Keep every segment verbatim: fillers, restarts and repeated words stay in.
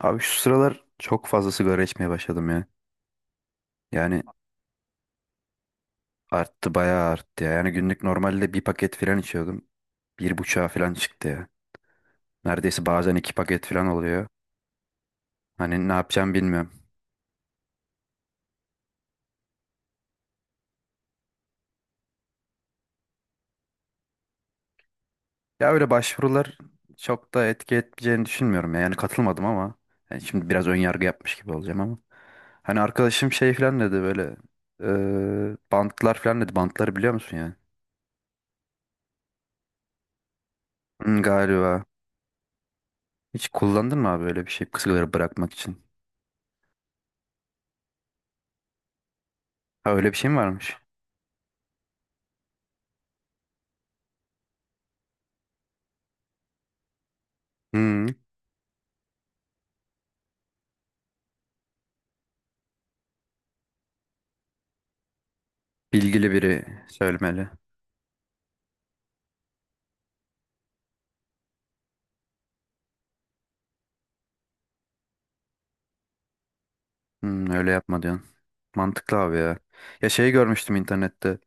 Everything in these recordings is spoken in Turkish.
Abi şu sıralar çok fazla sigara içmeye başladım ya. Yani arttı bayağı arttı ya. Yani günlük normalde bir paket falan içiyordum. Bir buçuğa falan çıktı ya. Neredeyse bazen iki paket falan oluyor. Hani ne yapacağım bilmiyorum. Ya öyle başvurular çok da etki etmeyeceğini düşünmüyorum ya. Yani katılmadım ama. Yani şimdi biraz ön yargı yapmış gibi olacağım ama. Hani arkadaşım şey falan dedi böyle. eee, bantlar falan dedi. Bantları biliyor musun yani? Hı, galiba. Hiç kullandın mı abi öyle bir şey? Sigara bırakmak için. Ha öyle bir şey mi varmış? Hmm, Bilgili biri söylemeli. Hmm, öyle yapma diyorsun. Mantıklı abi ya. Ya şey görmüştüm internette.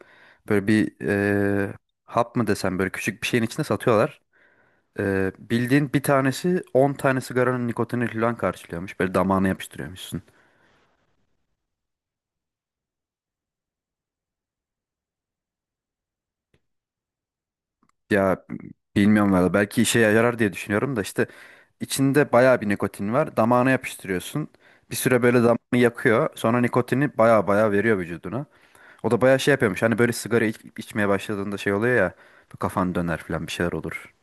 Böyle bir eee, hap mı desem böyle küçük bir şeyin içinde satıyorlar. Eee, bildiğin bir tanesi on tane sigaranın nikotini falan karşılıyormuş. Böyle damağına yapıştırıyormuşsun. Ya bilmiyorum valla belki işe yarar diye düşünüyorum da işte içinde bayağı bir nikotin var. Damağına yapıştırıyorsun. Bir süre böyle damağını yakıyor. Sonra nikotini bayağı bayağı veriyor vücuduna. O da bayağı şey yapıyormuş. Hani böyle sigara iç- içmeye başladığında şey oluyor ya. Bu kafan döner falan bir şeyler olur.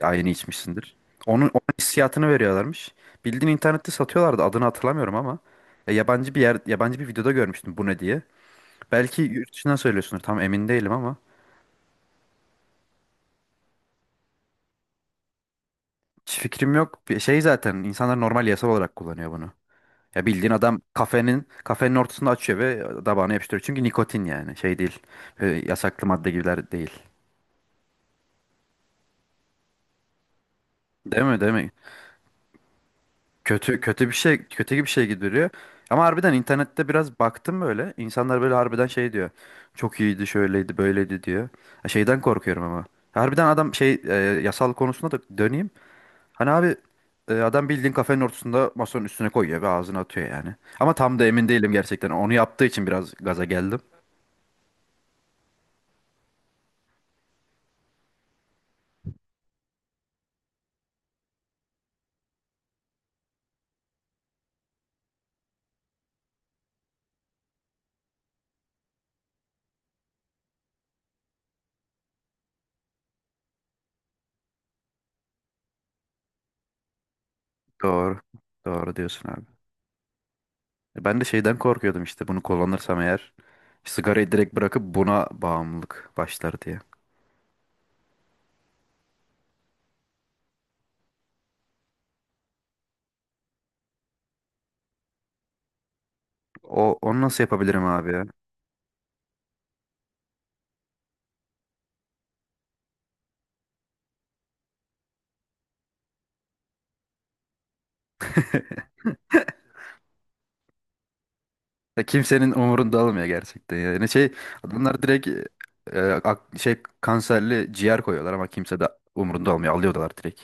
Aynı içmişsindir. Onun, onun hissiyatını veriyorlarmış. Bildiğin internette satıyorlardı. Adını hatırlamıyorum ama. Ya yabancı bir yer, yabancı bir videoda görmüştüm bu ne diye. Belki yurt dışından söylüyorsundur. Tam emin değilim ama. Hiç fikrim yok. Bir şey zaten insanlar normal yasal olarak kullanıyor bunu. Ya bildiğin adam kafenin kafenin ortasında açıyor ve tabağına yapıştırıyor. Çünkü nikotin yani şey değil. Böyle yasaklı madde gibiler değil. Değil mi? Değil mi? Kötü kötü bir şey kötü gibi bir şey gibi duruyor. Ama harbiden internette biraz baktım böyle. İnsanlar böyle harbiden şey diyor. Çok iyiydi, şöyleydi, böyleydi diyor. Ha, şeyden korkuyorum ama. Harbiden adam şey e, yasal konusunda da döneyim. Hani abi e, adam bildiğin kafenin ortasında masanın üstüne koyuyor ve ağzına atıyor yani. Ama tam da emin değilim gerçekten. Onu yaptığı için biraz gaza geldim. Doğru. Doğru diyorsun abi. E, Ben de şeyden korkuyordum işte bunu kullanırsam eğer sigarayı direkt bırakıp buna bağımlılık başlar diye. O, onu nasıl yapabilirim abi ya? Ya kimsenin umurunda olmuyor gerçekten ya. Yani şey adamlar direkt e, ak- şey kanserli ciğer koyuyorlar ama kimse de umurunda olmuyor. Alıyorlar direkt.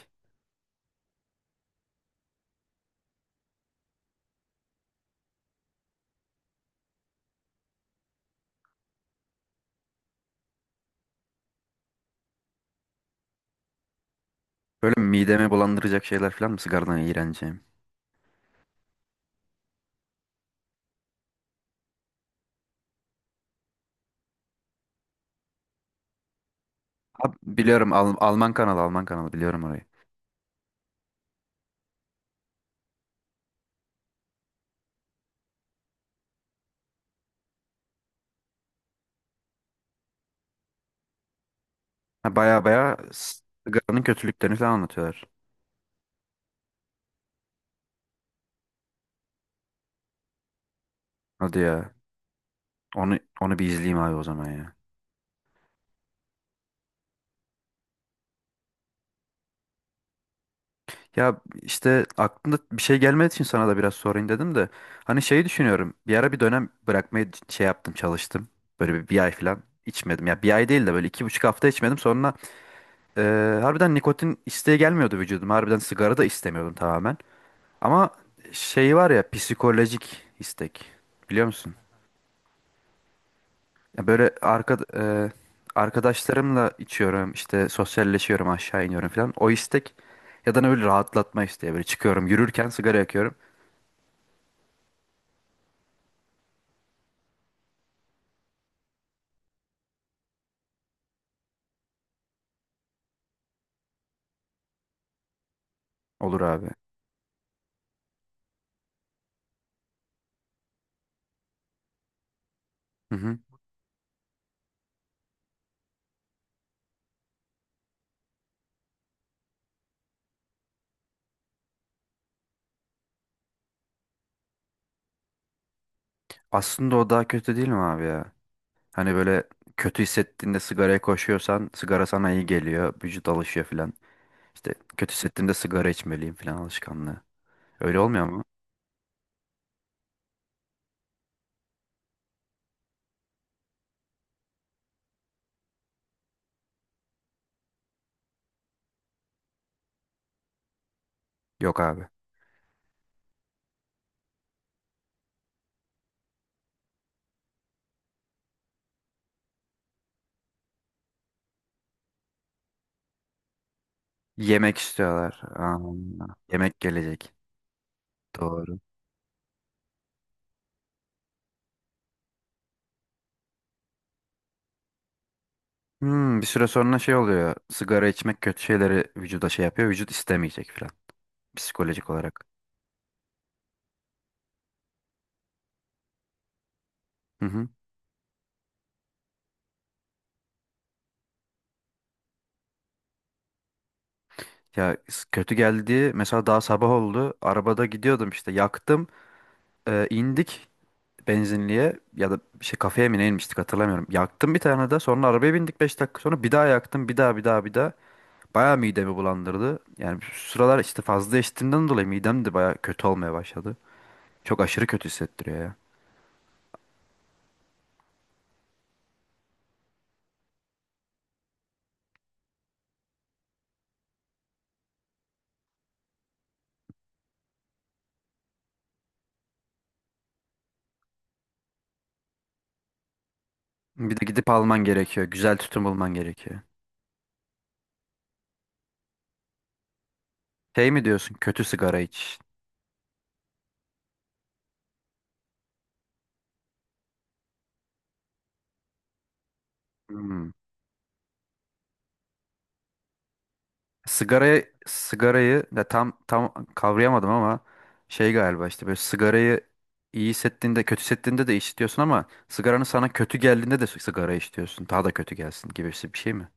Böyle midemi bulandıracak şeyler falan mı sigaradan iğreneceğim? Abi, biliyorum Al- Alman kanalı Alman kanalı biliyorum orayı. Ha, baya baya sigaranın kötülüklerini falan anlatıyorlar. Hadi ya. Onu onu bir izleyeyim abi o zaman ya. Ya işte aklımda bir şey gelmediği için sana da biraz sorayım dedim de. Hani şeyi düşünüyorum. Bir ara bir dönem bırakmayı c- şey yaptım çalıştım. Böyle bir, bir ay falan içmedim. Ya bir ay değil de böyle iki buçuk hafta içmedim. Sonra eee, harbiden nikotin isteği gelmiyordu vücudum. Harbiden sigara da istemiyordum tamamen. Ama şey var ya psikolojik istek. Biliyor musun? Ya böyle arka, eee, arkadaşlarımla içiyorum. İşte sosyalleşiyorum aşağı iniyorum falan. O istek ya da ne böyle rahatlatma isteği. Böyle çıkıyorum yürürken sigara yakıyorum. Olur abi. Hı hı. Aslında o daha kötü değil mi abi ya? Hani böyle kötü hissettiğinde sigaraya koşuyorsan sigara sana iyi geliyor. Vücut alışıyor filan. İşte kötü hissettiğimde sigara içmeliyim filan alışkanlığı. Öyle olmuyor mu? Yok abi. Yemek istiyorlar. Aa, yemek gelecek. Doğru. Hmm, bir süre sonra şey oluyor. Sigara içmek kötü şeyleri vücuda şey yapıyor. Vücut istemeyecek filan. Psikolojik olarak. Hı hı. Ya s- kötü geldi. Mesela daha sabah oldu. Arabada gidiyordum işte yaktım. Ee, indik. Benzinliğe ya da bir şey kafeye mi ne inmiştik hatırlamıyorum. Yaktım bir tane de sonra arabaya bindik beş dakika sonra bir daha yaktım bir daha bir daha bir daha. Bayağı midemi bulandırdı. Yani şu sıralar işte fazla içtiğimden dolayı midem de bayağı kötü olmaya başladı. Çok aşırı kötü hissettiriyor ya. Bir de gidip alman gerekiyor. Güzel tütün bulman gerekiyor. Şey mi diyorsun kötü sigara iç. Hmm. Sigarayı sigarayı da tam tam kavrayamadım ama şey galiba işte böyle sigarayı iyi hissettiğinde kötü hissettiğinde de içiyorsun ama sigaranın sana kötü geldiğinde de sigara içiyorsun. Daha da kötü gelsin gibisi bir şey mi?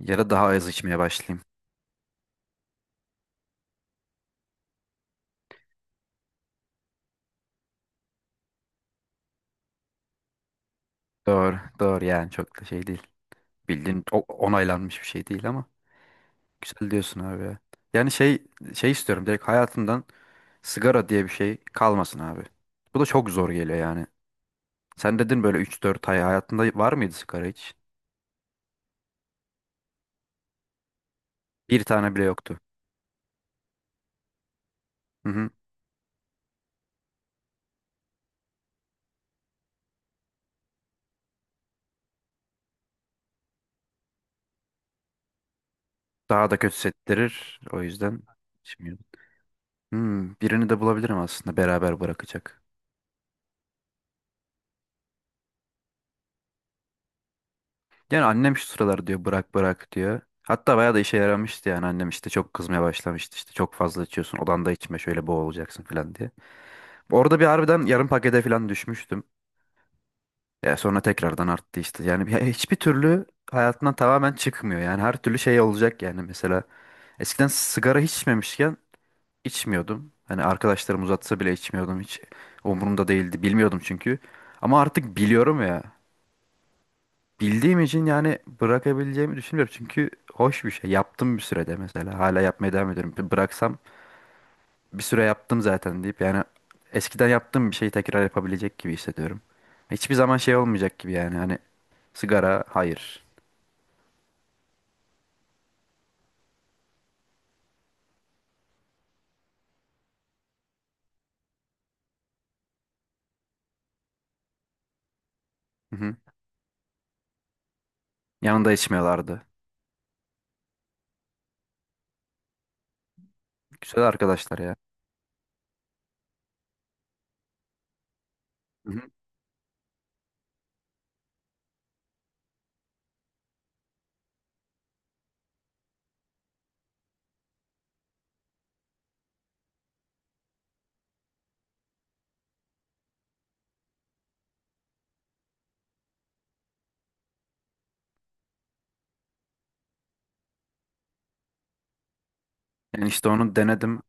Ya da daha az içmeye başlayayım. Doğru, doğru, yani çok da şey değil. Bildiğin o- onaylanmış bir şey değil ama güzel diyorsun abi ya. Yani şey şey istiyorum direkt hayatımdan sigara diye bir şey kalmasın abi. Bu da çok zor geliyor yani. Sen dedin böyle üç dört ay hayatında var mıydı sigara hiç? Bir tane bile yoktu. Hı hı. Daha da kötü settirir. O yüzden şimdi Hmm, birini de bulabilirim aslında beraber bırakacak. Yani annem şu sıralar diyor bırak bırak diyor. Hatta bayağı da işe yaramıştı yani annem işte çok kızmaya başlamıştı işte çok fazla içiyorsun odanda içme şöyle boğulacaksın falan diye. Orada bir harbiden yarım pakete falan düşmüştüm. Ya sonra tekrardan arttı işte yani bir- hiçbir türlü hayatından tamamen çıkmıyor yani her türlü şey olacak yani mesela eskiden sigara hiç içmemişken içmiyordum. Hani arkadaşlarım uzatsa bile içmiyordum hiç. Umurumda değildi. Bilmiyordum çünkü. Ama artık biliyorum ya. Bildiğim için yani bırakabileceğimi düşünmüyorum. Çünkü hoş bir şey. Yaptım bir sürede mesela. Hala yapmaya devam ediyorum. Bir bıraksam bir süre yaptım zaten deyip yani eskiden yaptığım bir şeyi tekrar yapabilecek gibi hissediyorum. Hiçbir zaman şey olmayacak gibi yani. Hani sigara hayır. Hı hı. Yanında içmiyorlardı. Güzel arkadaşlar ya. Hı hı. Yani işte onu denedim.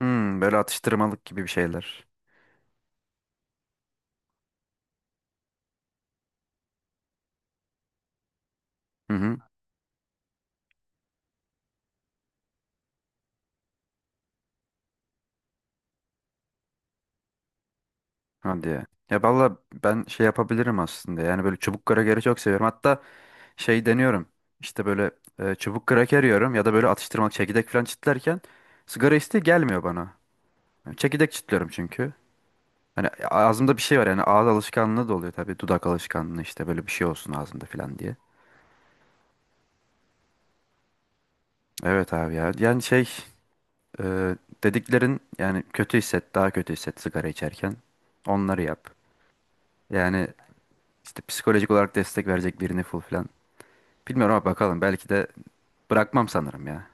Hmm, böyle atıştırmalık gibi bir şeyler. Hı hı. Hadi ya. Ya valla ben şey yapabilirim aslında. Yani böyle çubuk krakeri çok seviyorum. Hatta şey deniyorum. İşte böyle e, çubuk kraker yiyorum ya da böyle atıştırmalık çekirdek falan çitlerken sigara isteği gelmiyor bana. Yani çekirdek çitliyorum çünkü. Hani ağzımda bir şey var yani ağız alışkanlığı da oluyor tabii. Dudak alışkanlığı işte böyle bir şey olsun ağzımda falan diye. Evet abi ya. Yani şey e, dediklerin yani kötü hisset, daha kötü hisset sigara içerken. Onları yap. Yani işte psikolojik olarak destek verecek birini bul falan. Bilmiyorum ama bakalım. Belki de bırakmam sanırım ya.